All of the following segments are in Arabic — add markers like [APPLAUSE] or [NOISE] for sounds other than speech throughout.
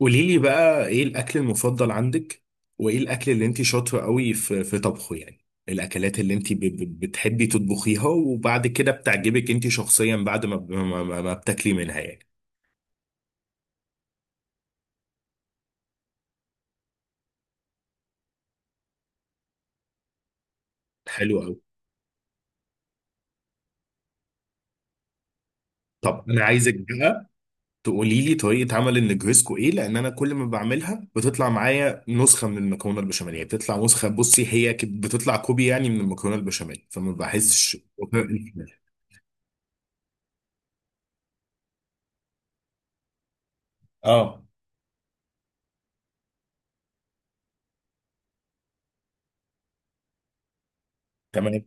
قولي لي بقى ايه الاكل المفضل عندك؟ وايه الاكل اللي انت شاطره قوي في طبخه؟ يعني الاكلات اللي انت بتحبي تطبخيها وبعد كده بتعجبك انت شخصيا بعد ما ما بتاكلي منها يعني. حلو قوي. طب انا عايزك بقى تقولي لي طريقه عمل النجريسكو ايه، لان انا كل ما بعملها بتطلع معايا نسخه من المكرونه البشاميل، يعني، بتطلع نسخه، بصي هي بتطلع كوبي يعني من المكرونه البشاميل فما بحسش. اه، تمام.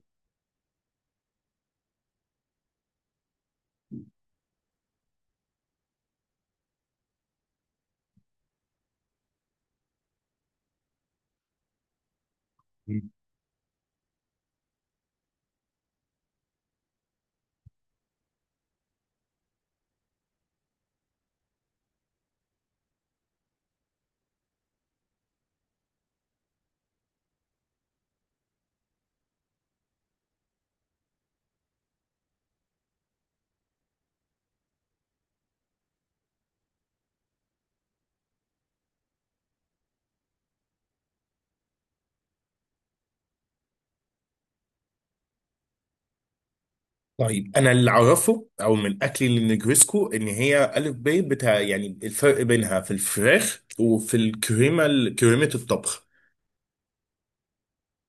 طيب انا اللي اعرفه او من اكلي للنجريسكو ان هي الف ب بتاع، يعني الفرق بينها في الفراخ وفي الكريمه كريمه الطبخ،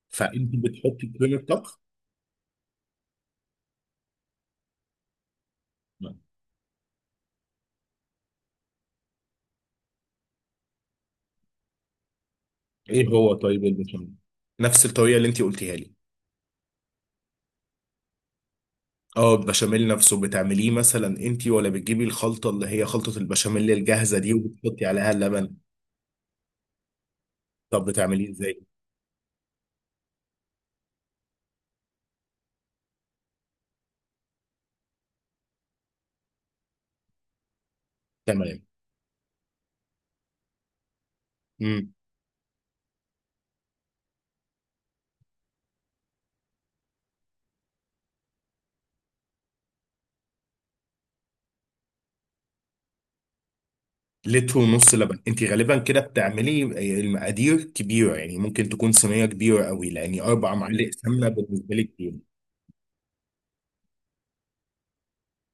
فانت بتحطي كريمه طبخ؟ نعم. ايه هو طيب البشاميل نفس الطريقه اللي انت قلتيها لي؟ اه البشاميل نفسه بتعمليه مثلا انت، ولا بتجيبي الخلطه اللي هي خلطه البشاميل الجاهزه دي وبتحطي عليها اللبن؟ طب بتعمليه ازاي؟ تمام. مم. لتر ونص لبن انت غالبا كده بتعملي؟ المقادير كبيره يعني، ممكن تكون صينيه كبيره قوي، لان اربع معالق سمنه بالنسبه لي كتير.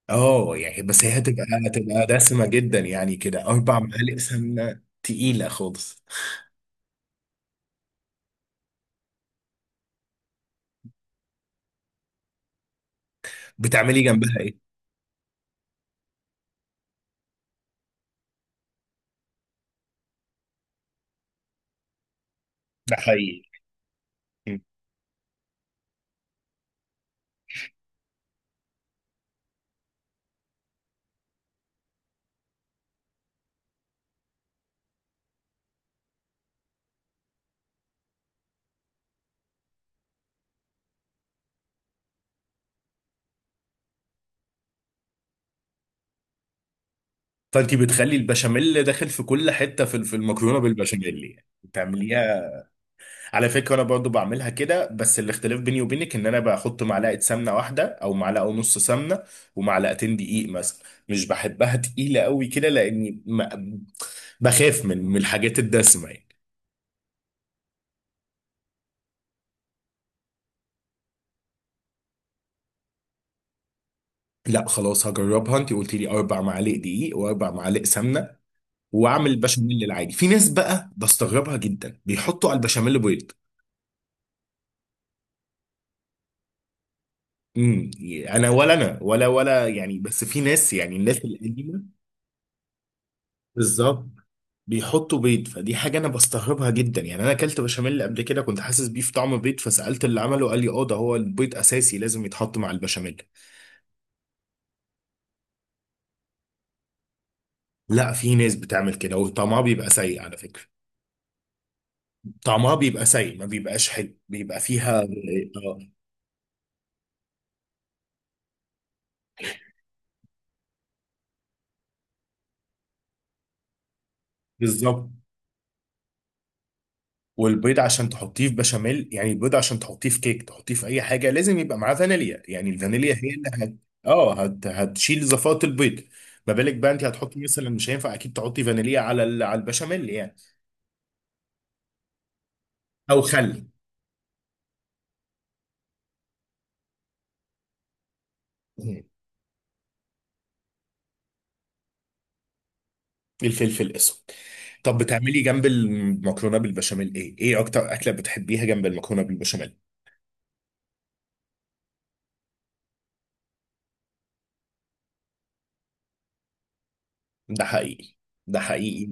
اه يعني، بس هي هتبقى، هتبقى دسمه جدا يعني كده، اربع معالق سمنه تقيله خالص. بتعملي جنبها ايه؟ ده حقيقي. فانت بتخلي البشاميل داخل في كل حته في المكرونه بالبشاميل، يعني بتعمليها. على فكرة أنا برضو بعملها كده، بس الاختلاف بيني وبينك إن أنا بحط معلقة سمنة واحدة أو معلقة ونص سمنة، ومعلقتين دقيق مثلا. مش بحبها تقيلة قوي كده لأني ما بخاف من الحاجات الدسمة يعني. لا خلاص هجربها، أنت قلت لي أربع معالق دقيق وأربع معالق سمنة، وأعمل بشاميل العادي. في ناس بقى بستغربها جدا بيحطوا على البشاميل بيض. امم، انا ولا، انا ولا يعني، بس في ناس، يعني الناس القديمه بالظبط بيحطوا بيض، فدي حاجة أنا بستغربها جدا. يعني أنا أكلت بشاميل قبل كده كنت حاسس بيه في طعم بيض، فسألت اللي عمله قال لي أه ده هو البيض أساسي لازم يتحط مع البشاميل. لا في ناس بتعمل كده وطعمها بيبقى سيء على فكرة. طعمها بيبقى سيء ما بيبقاش حلو، بيبقى فيها آه، بالظبط. والبيض عشان تحطيه في بشاميل، يعني البيض عشان تحطيه في كيك، تحطيه في أي حاجة لازم يبقى معاه فانيليا، يعني الفانيليا هي اللي هت... أه هت... هتشيل زفاة البيض. ما بالك بقى أنت هتحطي مثلا، مش هينفع أكيد تحطي فانيليا على ال... على البشاميل يعني. او خل. الفلفل الاسود. طب بتعملي جنب المكرونه بالبشاميل ايه؟ ايه اكتر اكله بتحبيها جنب المكرونه بالبشاميل؟ ده حقيقي. ده حقيقي.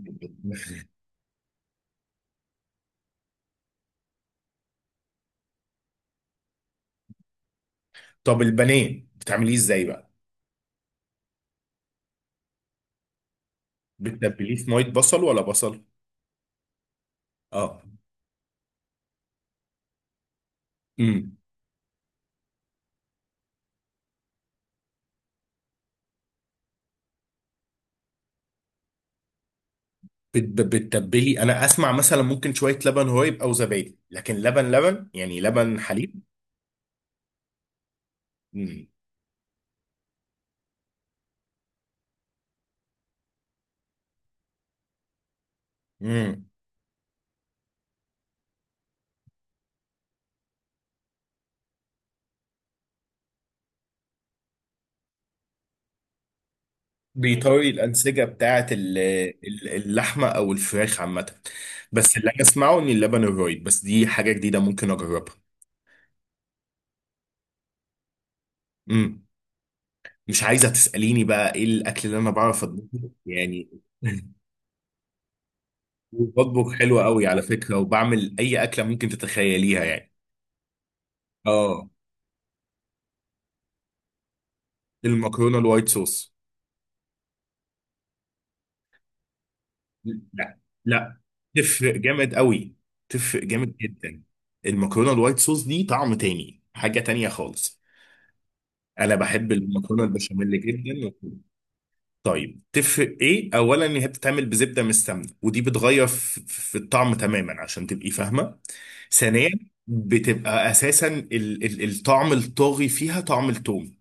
طب البانيه بتعمليه ازاي بقى؟ بتتبليه في ميه بصل ولا بصل؟ اه. امم. بتتبلي، انا اسمع مثلا ممكن شويه لبن رايب او زبادي، لكن لبن لبن، يعني لبن حليب؟ امم. بيطري الأنسجة بتاعة اللحمة أو الفراخ عامة. بس اللي أنا أسمعه إن اللبن الرايب، بس دي حاجة جديدة ممكن أجربها. امم. مش عايزة تسأليني بقى إيه الأكل اللي أنا بعرف أطبخه يعني؟ [LAUGHS] بطبخ حلو قوي على فكرة، وبعمل أي أكلة ممكن تتخيليها يعني. آه، المكرونة الوايت صوص. لا. لا. تفرق جامد قوي. تفرق جامد جدا. المكرونة الوايت صوص دي طعم تاني، حاجة تانية خالص. انا بحب المكرونه البشاميل جدا. طيب تفرق ايه اولا؟ ان هي بتتعمل بزبده مش سمنه، ودي بتغير في الطعم تماما عشان تبقي فاهمه. ثانيا بتبقى اساسا ال ال الطعم الطاغي فيها طعم التوم.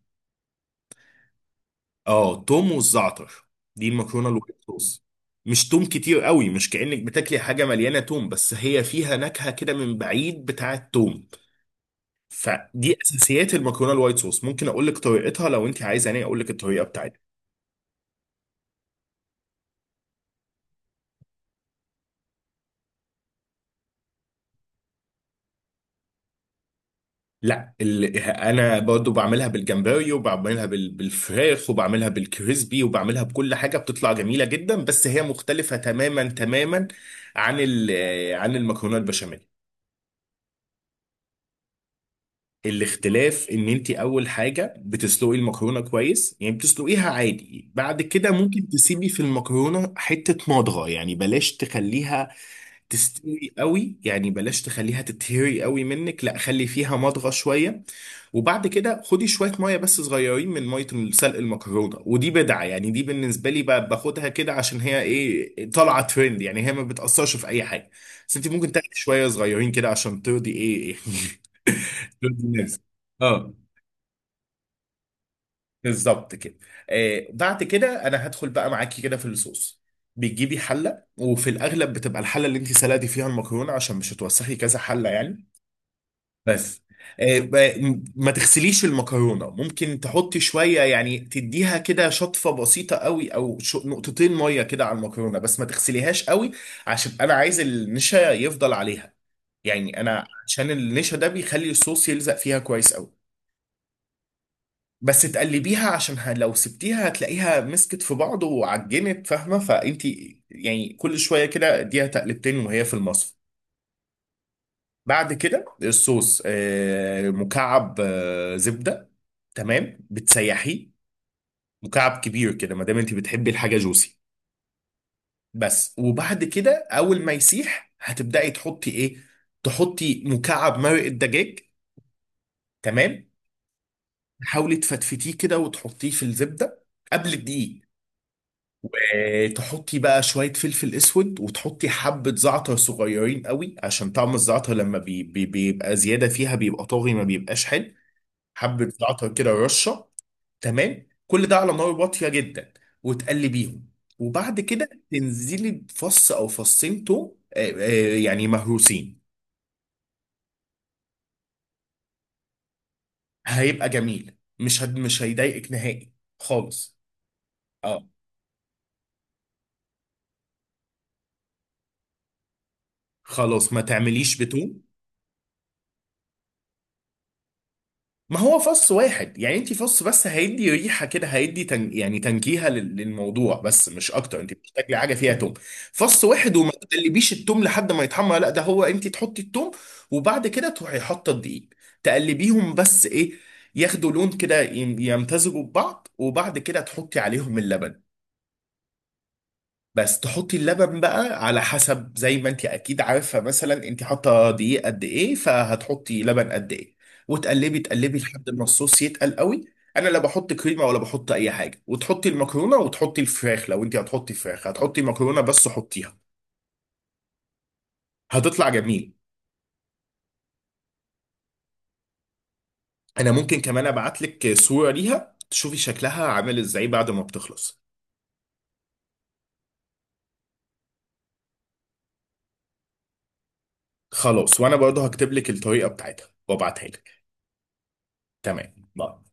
اه توم والزعتر. دي المكرونه الوايت صوص. مش توم كتير قوي، مش كأنك بتاكلي حاجه مليانه توم، بس هي فيها نكهه كده من بعيد بتاعه توم. فدي اساسيات المكرونه الوايت صوص. ممكن اقول لك طريقتها لو انت عايزه، انا اقول لك الطريقه بتاعتها. لا ال... انا برضو بعملها بالجمبري وبعملها بال... بالفراخ وبعملها بالكريسبي وبعملها بكل حاجه، بتطلع جميله جدا، بس هي مختلفه تماما تماما عن ال... عن المكرونه البشاميل. الاختلاف ان انت اول حاجه بتسلقي المكرونه كويس، يعني بتسلقيها عادي، بعد كده ممكن تسيبي في المكرونه حته مضغه، يعني بلاش تخليها تستوي قوي، يعني بلاش تخليها تتهري قوي منك، لا خلي فيها مضغه شويه. وبعد كده خدي شويه ميه، بس صغيرين، من ميه سلق المكرونه، ودي بدعه يعني، دي بالنسبه لي باخدها كده عشان هي ايه، طالعه ترند يعني، هي ما بتاثرش في اي حاجه، بس انت ممكن تاخدي شويه صغيرين كده عشان ترضي ايه، [LAUGHS] ترضي الناس. اه بالظبط كده. آه بعد كده انا هدخل بقى معاكي كده في الصوص. بتجيبي حله، وفي الاغلب بتبقى الحله اللي انت سلقتي فيها المكرونه عشان مش هتوسخي كذا حله يعني. بس آه، ما تغسليش المكرونه، ممكن تحطي شويه، يعني تديها كده شطفه بسيطه قوي او نقطتين ميه كده على المكرونه بس ما تغسليهاش قوي، عشان انا عايز النشا يفضل عليها. يعني انا عشان النشا ده بيخلي الصوص يلزق فيها كويس قوي. بس تقلبيها عشان لو سبتيها هتلاقيها مسكت في بعض وعجنت فاهمه، فانت يعني كل شويه كده اديها تقلبتين وهي في المصفى. بعد كده الصوص آه، مكعب آه، زبدة، تمام، بتسيحيه، مكعب كبير كده ما دام انت بتحبي الحاجة جوسي. بس وبعد كده اول ما يسيح هتبدأي تحطي ايه، تحطي مكعب مرق الدجاج. تمام. تحاولي تفتفتيه كده وتحطيه في الزبدة قبل الدقيق. آه، تحطي بقى شوية فلفل اسود، وتحطي حبة زعتر صغيرين قوي، عشان طعم الزعتر لما بي بي بيبقى زيادة فيها بيبقى طاغي ما بيبقاش حلو. حبة زعتر كده، رشة. تمام. كل ده على نار واطية جدا، وتقلبيهم. وبعد كده تنزلي بفص أو فصين توم آه، آه، يعني مهروسين. هيبقى جميل، مش هد... مش هيضايقك نهائي خالص. اه خلاص ما تعمليش بتوم. ما هو فص واحد، يعني انت فص بس هيدي ريحه كده، هيدي تن... يعني تنكيهه للموضوع بس مش اكتر، انت مش تاكلي حاجه فيها توم. فص واحد، وما تقلبيش التوم لحد ما يتحمر، لا ده هو انت تحطي التوم وبعد كده تروحي حاطه الدقيق، تقلبيهم بس ايه، ياخدوا لون كده يمتزجوا ببعض، وبعد كده تحطي عليهم اللبن. بس تحطي اللبن بقى على حسب، زي ما انت اكيد عارفه، مثلا انت حاطه دقيق قد ايه فهتحطي لبن قد ايه. وتقلبي تقلبي لحد ما الصوص يتقل قوي. انا لا بحط كريمه ولا بحط اي حاجه، وتحطي المكرونه وتحطي الفراخ لو انت هتحطي فراخ، هتحطي مكرونه بس حطيها، هتطلع جميل. انا ممكن كمان ابعت لك صوره ليها تشوفي شكلها عامل ازاي بعد ما بتخلص. خلاص وانا برضه هكتب لك الطريقه بتاعتها وابعتها لك. تمام. باي.